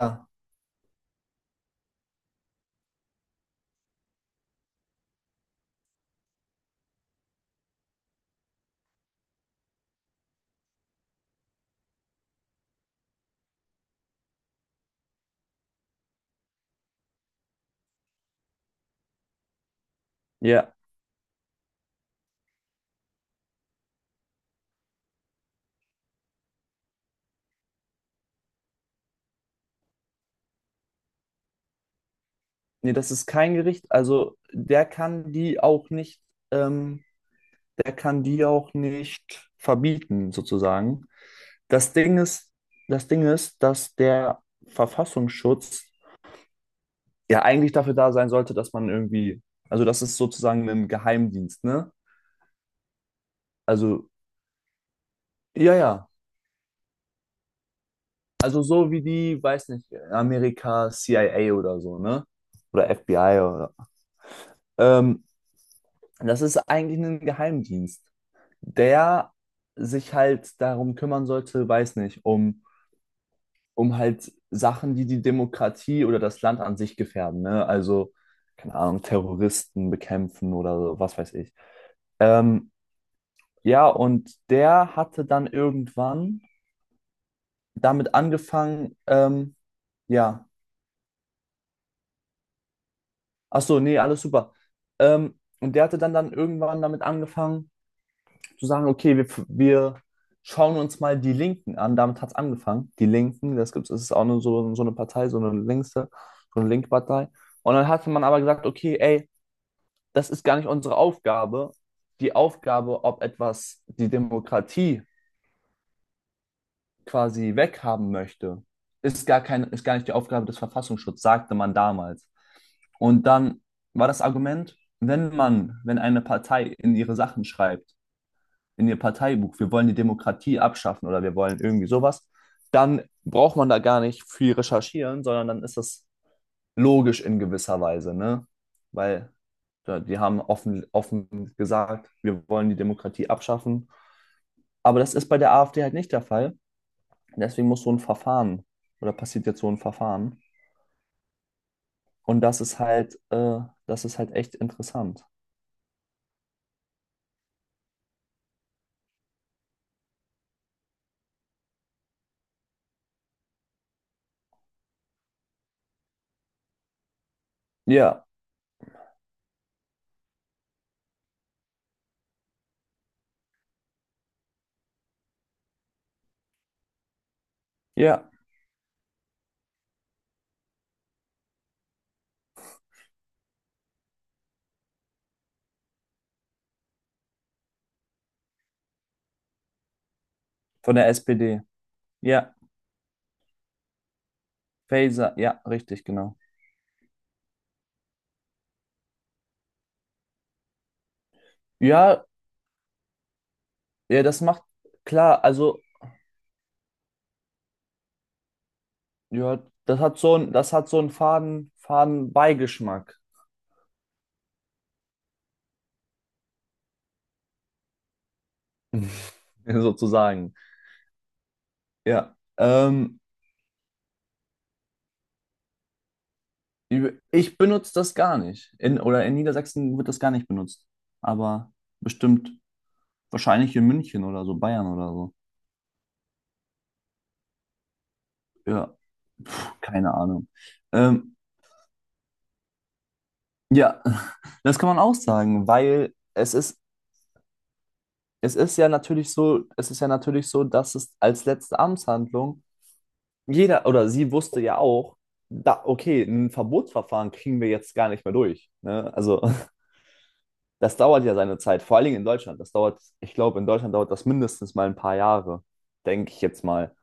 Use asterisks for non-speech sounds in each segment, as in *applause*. Ja. Ja, nee, das ist kein Gericht. Also der kann die auch nicht, ähm, der kann die auch nicht verbieten, sozusagen. Das Ding ist, das Ding ist, dass der Verfassungsschutz ja eigentlich dafür da sein sollte, dass man irgendwie, also das ist sozusagen ein Geheimdienst, ne? Also, ja. Also so wie die, weiß nicht, Amerika CIA oder so, ne? Oder FBI oder Ähm, das ist eigentlich ein Geheimdienst, der sich halt darum kümmern sollte, weiß nicht, um, um halt Sachen, die die Demokratie oder das Land an sich gefährden, ne? Also, keine Ahnung, Terroristen bekämpfen oder so, was weiß ich. Ähm, ja, und der hatte dann irgendwann damit angefangen, ja, ach so, nee, alles super. Und der hatte dann irgendwann damit angefangen, zu sagen, okay, wir schauen uns mal die Linken an. Damit hat es angefangen. Die Linken, das gibt's, das ist auch nur so, so eine Partei, so eine längste, so eine Linkpartei. Und dann hatte man aber gesagt, okay, ey, das ist gar nicht unsere Aufgabe. Die Aufgabe, ob etwas die Demokratie quasi weghaben möchte, ist gar nicht die Aufgabe des Verfassungsschutzes, sagte man damals. Und dann war das Argument, wenn eine Partei in ihre Sachen schreibt, in ihr Parteibuch, wir wollen die Demokratie abschaffen oder wir wollen irgendwie sowas, dann braucht man da gar nicht viel recherchieren, sondern dann ist das logisch in gewisser Weise, ne? Weil ja, die haben offen gesagt, wir wollen die Demokratie abschaffen. Aber das ist bei der AfD halt nicht der Fall. Deswegen muss so ein Verfahren oder passiert jetzt so ein Verfahren. Und das ist halt echt interessant. Ja, ja, von der SPD. Ja, Faser, ja, richtig, genau. Ja, Ja, das macht klar, also ja, das hat so ein, das hat so einen faden, faden Beigeschmack, *laughs* sozusagen. Ja. Ich benutze das gar nicht. In, oder in Niedersachsen wird das gar nicht benutzt. Aber bestimmt, wahrscheinlich in München oder so, Bayern oder so. Ja, keine Ahnung. Ähm, ja, *laughs* das kann man auch sagen, weil es ist, es ist ja natürlich so, dass es als letzte Amtshandlung jeder oder sie wusste ja auch, da, okay, ein Verbotsverfahren kriegen wir jetzt gar nicht mehr durch. Ne? Also *laughs* das dauert ja seine Zeit, vor allen Dingen in Deutschland. Das dauert, ich glaube, in Deutschland dauert das mindestens mal ein paar Jahre, denke ich jetzt mal.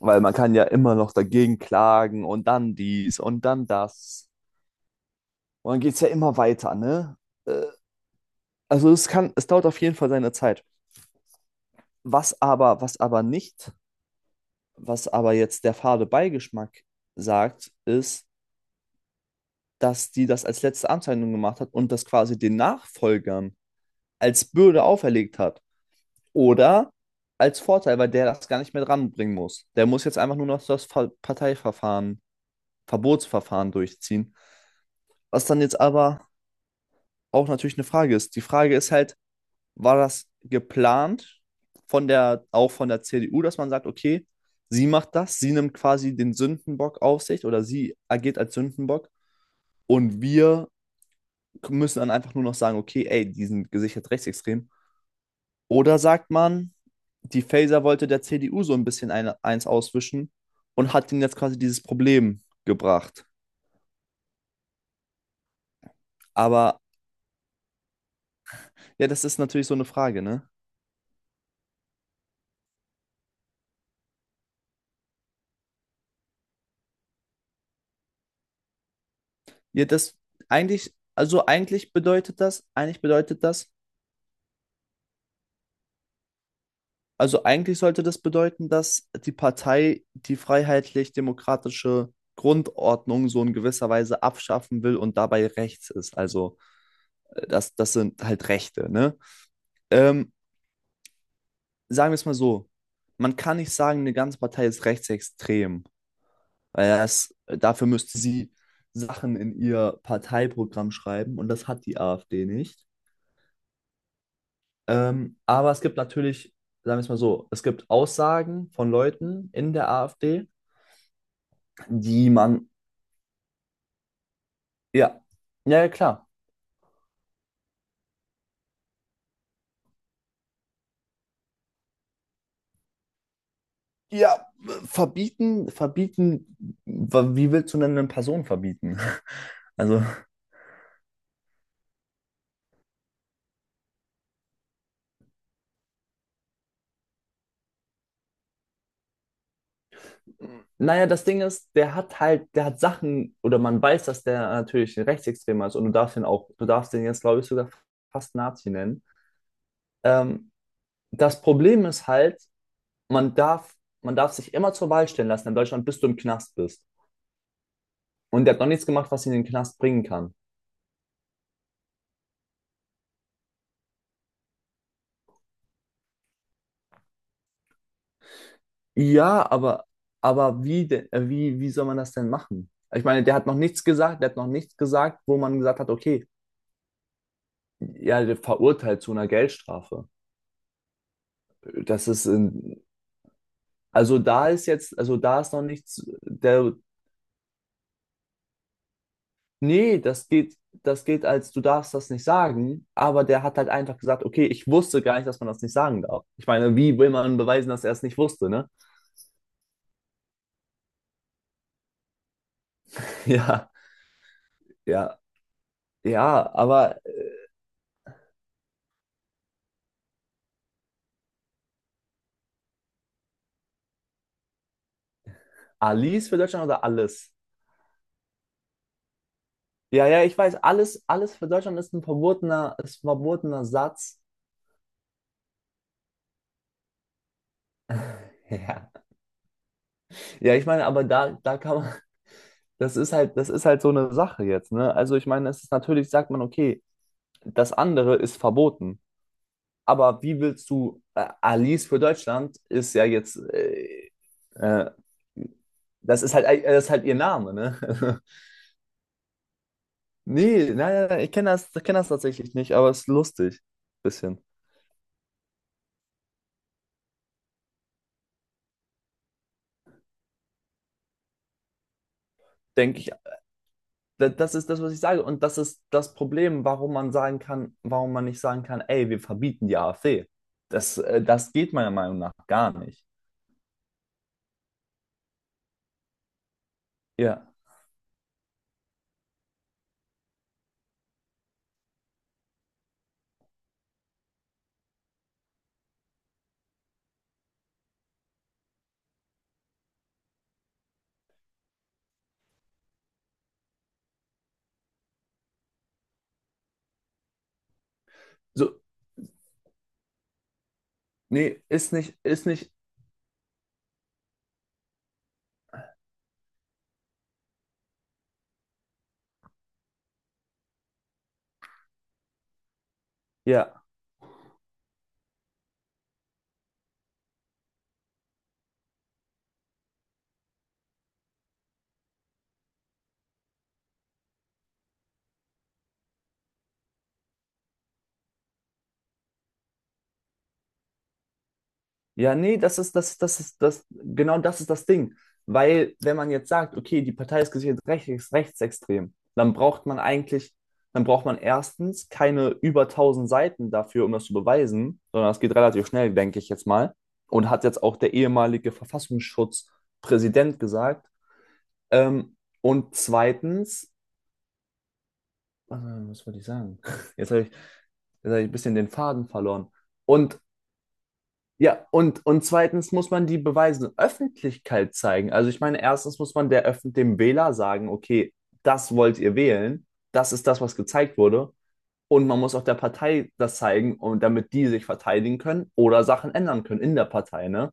Weil man kann ja immer noch dagegen klagen und dann dies und dann das. Und dann geht es ja immer weiter, ne? Äh, Also es kann, es dauert auf jeden Fall seine Zeit. Was aber nicht, was aber jetzt der fade Beigeschmack sagt, ist, dass die das als letzte Amtshandlung gemacht hat und das quasi den Nachfolgern als Bürde auferlegt hat. Oder als Vorteil, weil der das gar nicht mehr dranbringen muss. Der muss jetzt einfach nur noch das Ver Parteiverfahren, Verbotsverfahren durchziehen. Was dann jetzt aber auch natürlich eine Frage ist. Die Frage ist halt, war das geplant von der, auch von der CDU, dass man sagt, okay, sie macht das, sie nimmt quasi den Sündenbock auf sich oder sie agiert als Sündenbock und wir müssen dann einfach nur noch sagen, okay, ey, die sind gesichert rechtsextrem. Oder sagt man, die Faeser wollte der CDU so ein bisschen eins auswischen und hat ihnen jetzt quasi dieses Problem gebracht. Aber ja, das ist natürlich so eine Frage, ne? Ja, das eigentlich, also eigentlich bedeutet das, also eigentlich sollte das bedeuten, dass die Partei die freiheitlich-demokratische Grundordnung so in gewisser Weise abschaffen will und dabei rechts ist. Also das sind halt Rechte, ne? Ähm, sagen wir es mal so, man kann nicht sagen, eine ganze Partei ist rechtsextrem, weil das, dafür müsste sie Sachen in ihr Parteiprogramm schreiben und das hat die AfD nicht. Aber es gibt natürlich, sagen wir es mal so, es gibt Aussagen von Leuten in der AfD, die man, ja, ja, ja, klar. Ja, verbieten, verbieten, wie willst du denn eine Person verbieten? *laughs* Also, naja, das Ding ist, der hat halt, der hat Sachen, oder man weiß, dass der natürlich ein Rechtsextremer ist und du darfst ihn auch, du darfst ihn jetzt, glaube ich, sogar fast Nazi nennen. Ähm, das Problem ist halt, man darf, man darf sich immer zur Wahl stellen lassen in Deutschland, bis du im Knast bist. Und der hat noch nichts gemacht, was ihn in den Knast bringen kann. Ja, aber, wie soll man das denn machen? Ich meine, der hat noch nichts gesagt, wo man gesagt hat, okay, ja, der verurteilt zu einer Geldstrafe. Das ist, in, also da ist jetzt, also da ist noch nichts, der, nee, das geht als, du darfst das nicht sagen, aber der hat halt einfach gesagt, okay, ich wusste gar nicht, dass man das nicht sagen darf. Ich meine, wie will man beweisen, dass er es nicht wusste, ne? *laughs* Ja, ja, ja, aber Alice für Deutschland oder alles? Ja, ja, ich weiß, alles für Deutschland ist ein verbotener Satz. *laughs* Ja. Ja, ich meine, aber da kann man, das ist halt so eine Sache jetzt, ne? Also ich meine, es ist natürlich, sagt man, okay, das andere ist verboten. Aber wie willst du, Alice für Deutschland ist ja jetzt, äh, das ist halt ihr Name, ne? *laughs* Nee, nein, nein, ich kenne das, ich kenn das tatsächlich nicht, aber es ist lustig. Bisschen. Denke ich, das ist das, was ich sage. Und das ist das Problem, warum man nicht sagen kann, ey, wir verbieten die AfD. Das, das geht meiner Meinung nach gar nicht. Ja, so, nee, ist nicht, ja. Ja, nee, das ist das, genau das ist das Ding. Weil, wenn man jetzt sagt, okay, die Partei ist gesichert rechtsextrem, dann braucht man eigentlich, dann braucht man erstens keine über tausend Seiten dafür, um das zu beweisen, sondern das geht relativ schnell, denke ich jetzt mal. Und hat jetzt auch der ehemalige Verfassungsschutzpräsident gesagt. Ähm, und zweitens, was wollte ich sagen? *laughs* Jetzt hab ich ein bisschen den Faden verloren. Und ja, und zweitens muss man die Beweise Öffentlichkeit zeigen. Also ich meine, erstens muss man der Öffn dem Wähler sagen, okay, das wollt ihr wählen, das ist das, was gezeigt wurde. Und man muss auch der Partei das zeigen, und damit die sich verteidigen können oder Sachen ändern können in der Partei, ne?